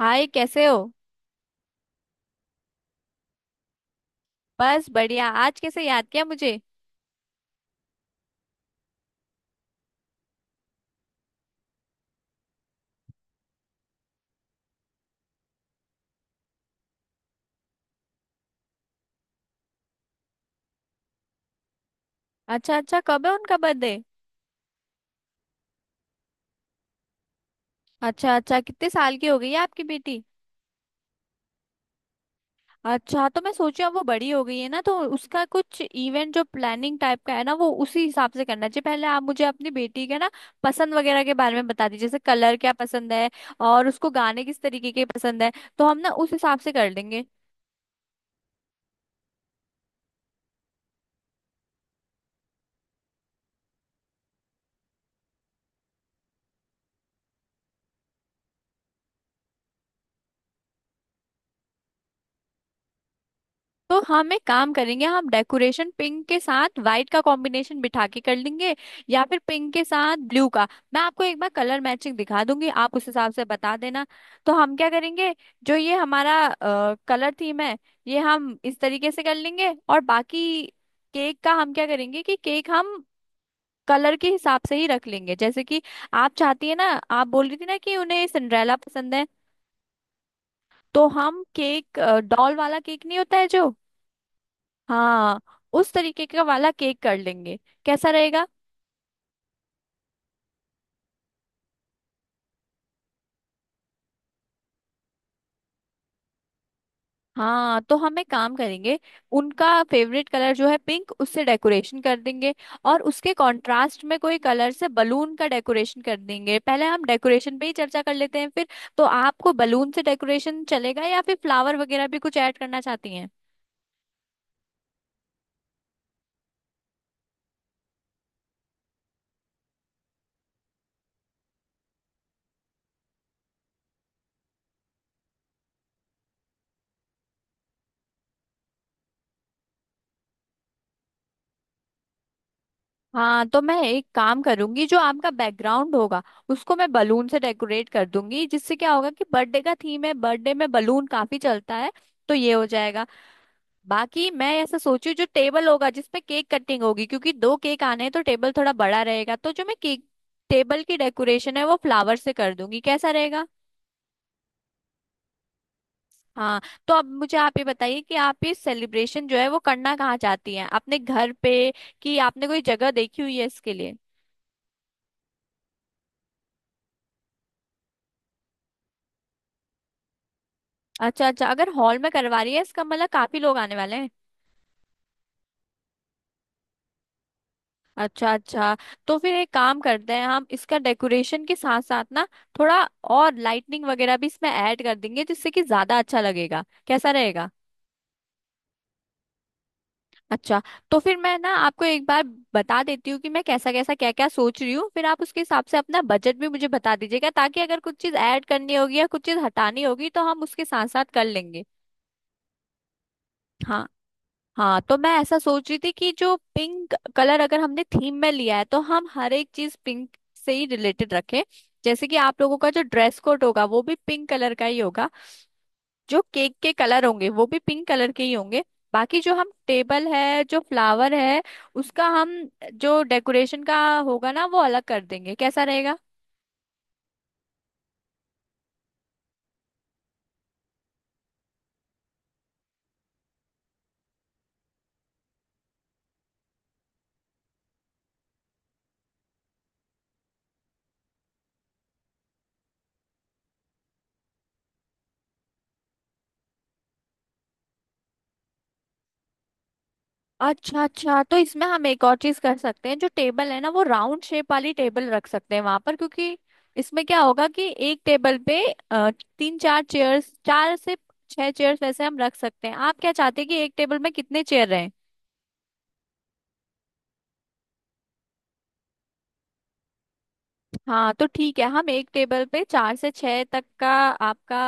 हाय, कैसे हो। बस बढ़िया। आज कैसे याद किया मुझे। अच्छा अच्छा, कब है उनका बर्थडे। अच्छा अच्छा, कितने साल की हो गई है आपकी बेटी। अच्छा, तो मैं सोची अब वो बड़ी हो गई है ना, तो उसका कुछ इवेंट जो प्लानिंग टाइप का है ना, वो उसी हिसाब से करना चाहिए। पहले आप मुझे अपनी बेटी के ना पसंद वगैरह के बारे में बता दीजिए, जैसे कलर क्या पसंद है और उसको गाने किस तरीके के पसंद है, तो हम ना उस हिसाब से कर लेंगे। तो हम एक काम करेंगे, हम डेकोरेशन पिंक के साथ व्हाइट का कॉम्बिनेशन बिठा के कर लेंगे या फिर पिंक के साथ ब्लू का। मैं आपको एक बार कलर मैचिंग दिखा दूंगी, आप उस हिसाब से बता देना। तो हम क्या करेंगे, जो ये हमारा कलर थीम है ये हम इस तरीके से कर लेंगे। और बाकी केक का हम क्या करेंगे कि केक हम कलर के हिसाब से ही रख लेंगे। जैसे कि आप चाहती है ना, आप बोल रही थी ना कि उन्हें सिंड्रेला पसंद है, तो हम केक डॉल वाला केक नहीं होता है जो, हाँ, उस तरीके का वाला केक कर लेंगे। कैसा रहेगा। हाँ तो हम एक काम करेंगे, उनका फेवरेट कलर जो है पिंक उससे डेकोरेशन कर देंगे और उसके कंट्रास्ट में कोई कलर से बलून का डेकोरेशन कर देंगे। पहले हम डेकोरेशन पे ही चर्चा कर लेते हैं फिर। तो आपको बलून से डेकोरेशन चलेगा या फिर फ्लावर वगैरह भी कुछ ऐड करना चाहती हैं। हाँ तो मैं एक काम करूंगी, जो आपका बैकग्राउंड होगा उसको मैं बलून से डेकोरेट कर दूंगी, जिससे क्या होगा कि बर्थडे का थीम है, बर्थडे में बलून काफी चलता है तो ये हो जाएगा। बाकी मैं ऐसा सोची जो टेबल होगा जिसपे केक कटिंग होगी, क्योंकि दो केक आने हैं तो टेबल थोड़ा बड़ा रहेगा, तो जो मैं केक टेबल की डेकोरेशन है वो फ्लावर से कर दूंगी। कैसा रहेगा। हाँ तो अब मुझे आप ये बताइए कि आप ये सेलिब्रेशन जो है वो करना कहाँ चाहती हैं, अपने घर पे कि आपने कोई जगह देखी हुई है इसके लिए। अच्छा अच्छा, अगर हॉल में करवा रही है इसका मतलब काफी लोग आने वाले हैं। अच्छा अच्छा। तो फिर एक काम करते हैं, हम इसका डेकोरेशन के साथ साथ ना थोड़ा और लाइटनिंग वगैरह भी इसमें ऐड कर देंगे जिससे कि ज्यादा अच्छा लगेगा। कैसा रहेगा। अच्छा, तो फिर मैं ना आपको एक बार बता देती हूँ कि मैं कैसा कैसा क्या क्या सोच रही हूँ, फिर आप उसके हिसाब से अपना बजट भी मुझे बता दीजिएगा, ताकि अगर कुछ चीज ऐड करनी होगी या कुछ चीज हटानी होगी तो हम उसके साथ साथ कर लेंगे। हाँ। हाँ तो मैं ऐसा सोच रही थी कि जो पिंक कलर अगर हमने थीम में लिया है तो हम हर एक चीज पिंक से ही रिलेटेड रखें, जैसे कि आप लोगों का जो ड्रेस कोड होगा वो भी पिंक कलर का ही होगा, जो केक के कलर होंगे वो भी पिंक कलर के ही होंगे। बाकी जो हम टेबल है, जो फ्लावर है, उसका हम जो डेकोरेशन का होगा ना वो अलग कर देंगे। कैसा रहेगा। अच्छा अच्छा, तो इसमें हम एक और चीज कर सकते हैं, जो टेबल है ना वो राउंड शेप वाली टेबल रख सकते हैं वहां पर, क्योंकि इसमें क्या होगा कि एक टेबल पे तीन चार चेयर्स, चार से छह चेयर्स वैसे हम रख सकते हैं। आप क्या चाहते हैं कि एक टेबल में कितने चेयर रहे। हाँ तो ठीक है, हम एक टेबल पे चार से छह तक का आपका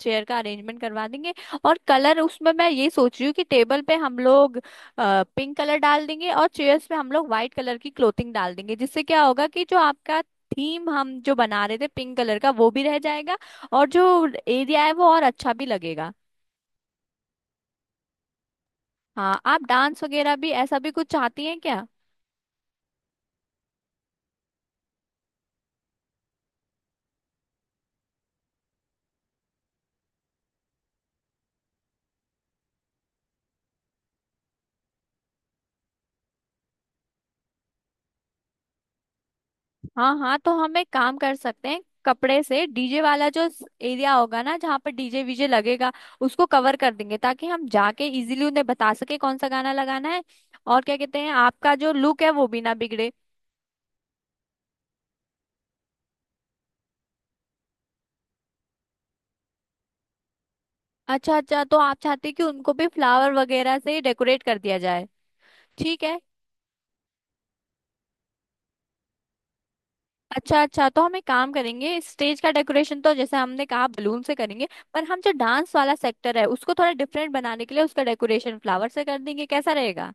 चेयर का अरेंजमेंट करवा देंगे। और कलर उसमें मैं ये सोच रही हूँ कि टेबल पे हम लोग पिंक कलर डाल देंगे और चेयर्स पे हम लोग व्हाइट कलर की क्लोथिंग डाल देंगे, जिससे क्या होगा कि जो आपका थीम हम जो बना रहे थे पिंक कलर का वो भी रह जाएगा और जो एरिया है वो और अच्छा भी लगेगा। हाँ, आप डांस वगैरह भी ऐसा भी कुछ चाहती हैं क्या। हाँ हाँ, तो हम एक काम कर सकते हैं, कपड़े से डीजे वाला जो एरिया होगा ना, जहाँ पर डीजे वीजे लगेगा उसको कवर कर देंगे, ताकि हम जाके इजीली उन्हें बता सके कौन सा गाना लगाना है। और क्या कहते हैं, आपका जो लुक है वो भी ना बिगड़े। अच्छा अच्छा, तो आप चाहते हैं कि उनको भी फ्लावर वगैरह से डेकोरेट कर दिया जाए। ठीक है। अच्छा अच्छा, तो हम एक काम करेंगे, स्टेज का डेकोरेशन तो जैसे हमने कहा बलून से करेंगे, पर हम जो डांस वाला सेक्टर है उसको थोड़ा डिफरेंट बनाने के लिए उसका डेकोरेशन फ्लावर से कर देंगे। कैसा रहेगा।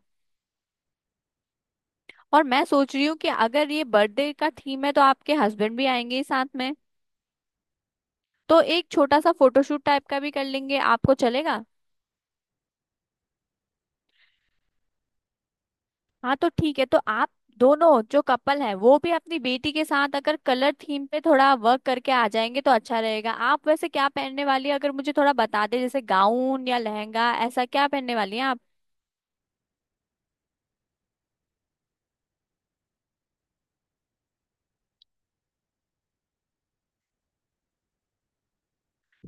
और मैं सोच रही हूँ कि अगर ये बर्थडे का थीम है तो आपके हस्बैंड भी आएंगे ही साथ में, तो एक छोटा सा फोटोशूट टाइप का भी कर लेंगे। आपको चलेगा। हाँ तो ठीक है, तो आप दोनों जो कपल है वो भी अपनी बेटी के साथ अगर कलर थीम पे थोड़ा वर्क करके आ जाएंगे तो अच्छा रहेगा। आप वैसे क्या पहनने वाली है, अगर मुझे थोड़ा बता दे, जैसे गाउन या लहंगा ऐसा क्या पहनने वाली है आप?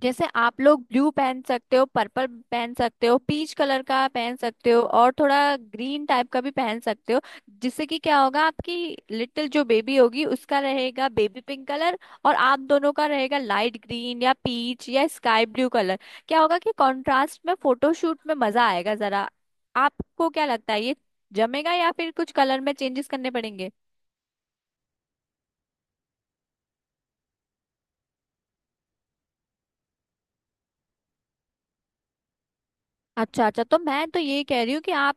जैसे आप लोग ब्लू पहन सकते हो, पर्पल पहन सकते हो, पीच कलर का पहन सकते हो और थोड़ा ग्रीन टाइप का भी पहन सकते हो, जिससे कि क्या होगा आपकी लिटिल जो बेबी होगी उसका रहेगा बेबी पिंक कलर और आप दोनों का रहेगा लाइट ग्रीन या पीच या स्काई ब्लू कलर। क्या होगा कि कॉन्ट्रास्ट में फोटोशूट में मजा आएगा जरा। आपको क्या लगता है ये जमेगा या फिर कुछ कलर में चेंजेस करने पड़ेंगे। अच्छा अच्छा, तो मैं तो ये कह रही हूँ कि आप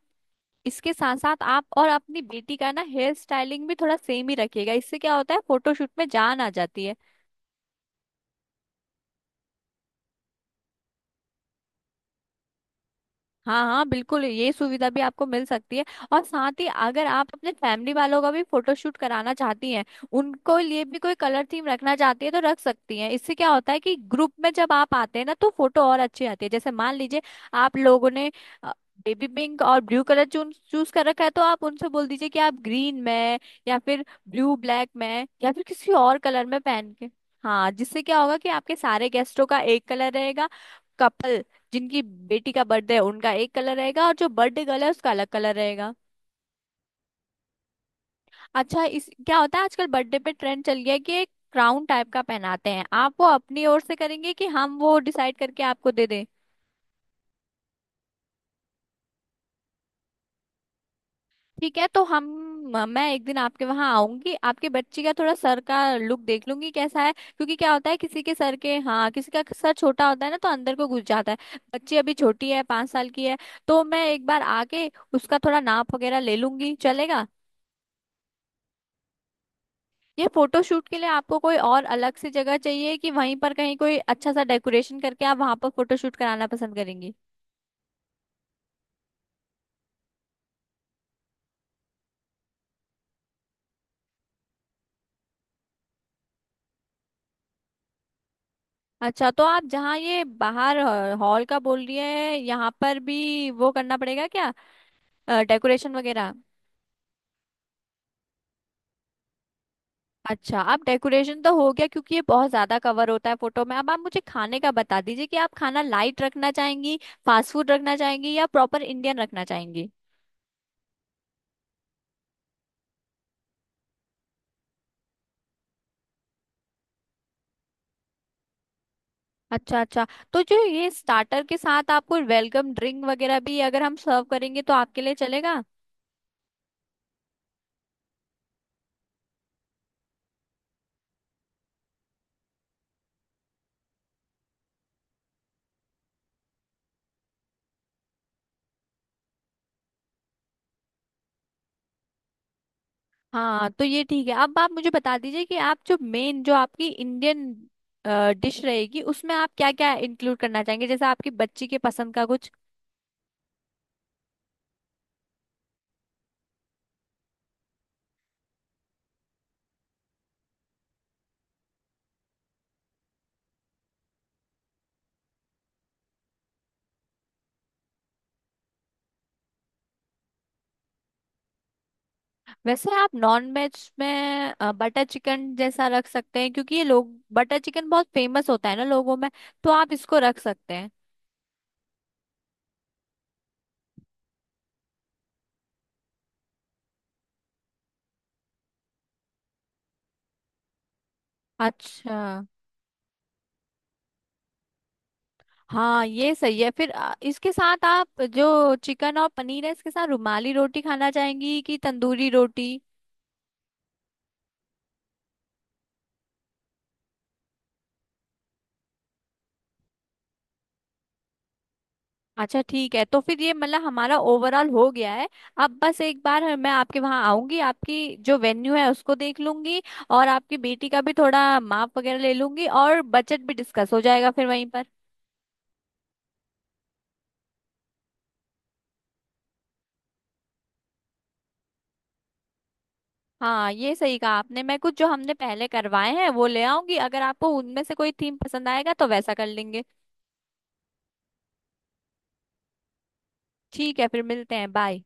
इसके साथ साथ आप और अपनी बेटी का ना हेयर स्टाइलिंग भी थोड़ा सेम ही रखिएगा, इससे क्या होता है फोटोशूट में जान आ जाती है। हाँ हाँ बिल्कुल, ये सुविधा भी आपको मिल सकती है। और साथ ही अगर आप अपने फैमिली वालों का भी फोटोशूट कराना चाहती हैं, उनको लिए भी कोई कलर थीम रखना चाहती है तो रख सकती हैं, इससे क्या होता है कि ग्रुप में जब आप आते हैं ना तो फोटो और अच्छी आती है। जैसे मान लीजिए आप लोगों ने बेबी पिंक और ब्लू कलर चूज चूज कर रखा है, तो आप उनसे बोल दीजिए कि आप ग्रीन में या फिर ब्लू ब्लैक में या फिर किसी और कलर में पहन के। हाँ, जिससे क्या होगा कि आपके सारे गेस्टों का एक कलर रहेगा, कपल जिनकी बेटी का बर्थडे है उनका एक कलर रहेगा और जो बर्थडे गर्ल है उसका अलग कलर रहेगा। अच्छा, इस क्या होता है आजकल बर्थडे पे ट्रेंड चल गया है कि एक क्राउन टाइप का पहनाते हैं, आप वो अपनी ओर से करेंगे कि हम वो डिसाइड करके आपको दे दें। ठीक है तो हम, मैं एक दिन आपके वहां आऊंगी, आपके बच्ची का थोड़ा सर का लुक देख लूंगी कैसा है, क्योंकि क्या होता है किसी के सर के, हाँ किसी का सर छोटा होता है ना तो अंदर को घुस जाता है। बच्ची अभी छोटी है, 5 साल की है, तो मैं एक बार आके उसका थोड़ा नाप वगैरह ले लूंगी। चलेगा। ये फोटोशूट के लिए आपको कोई और अलग से जगह चाहिए कि वहीं पर कहीं कोई अच्छा सा डेकोरेशन करके आप वहां पर फोटोशूट कराना पसंद करेंगी। अच्छा, तो आप जहाँ ये बाहर हॉल का बोल रही है, यहाँ पर भी वो करना पड़ेगा क्या, डेकोरेशन वगैरह। अच्छा, अब डेकोरेशन तो हो गया, क्योंकि ये बहुत ज्यादा कवर होता है फोटो में। अब आप मुझे खाने का बता दीजिए कि आप खाना लाइट रखना चाहेंगी, फास्ट फूड रखना चाहेंगी या प्रॉपर इंडियन रखना चाहेंगी। अच्छा अच्छा, तो जो ये स्टार्टर के साथ आपको वेलकम ड्रिंक वगैरह भी अगर हम सर्व करेंगे तो आपके लिए चलेगा। हाँ तो ये ठीक है, अब आप मुझे बता दीजिए कि आप जो मेन जो आपकी इंडियन डिश रहेगी उसमें आप क्या क्या इंक्लूड करना चाहेंगे, जैसे आपकी बच्ची के पसंद का कुछ। वैसे आप नॉन वेज में बटर चिकन जैसा रख सकते हैं, क्योंकि ये लोग बटर चिकन बहुत फेमस होता है ना लोगों में, तो आप इसको रख सकते हैं। अच्छा। हाँ ये सही है। फिर इसके साथ आप जो चिकन और पनीर है, इसके साथ रुमाली रोटी खाना चाहेंगी कि तंदूरी रोटी। अच्छा ठीक है, तो फिर ये मतलब हमारा ओवरऑल हो गया है। अब बस एक बार मैं आपके वहाँ आऊंगी, आपकी जो वेन्यू है उसको देख लूंगी और आपकी बेटी का भी थोड़ा माप वगैरह ले लूंगी और बजट भी डिस्कस हो जाएगा फिर वहीं पर। हाँ ये सही कहा आपने, मैं कुछ जो हमने पहले करवाए हैं वो ले आऊंगी, अगर आपको उनमें से कोई थीम पसंद आएगा तो वैसा कर लेंगे। ठीक है, फिर मिलते हैं। बाय।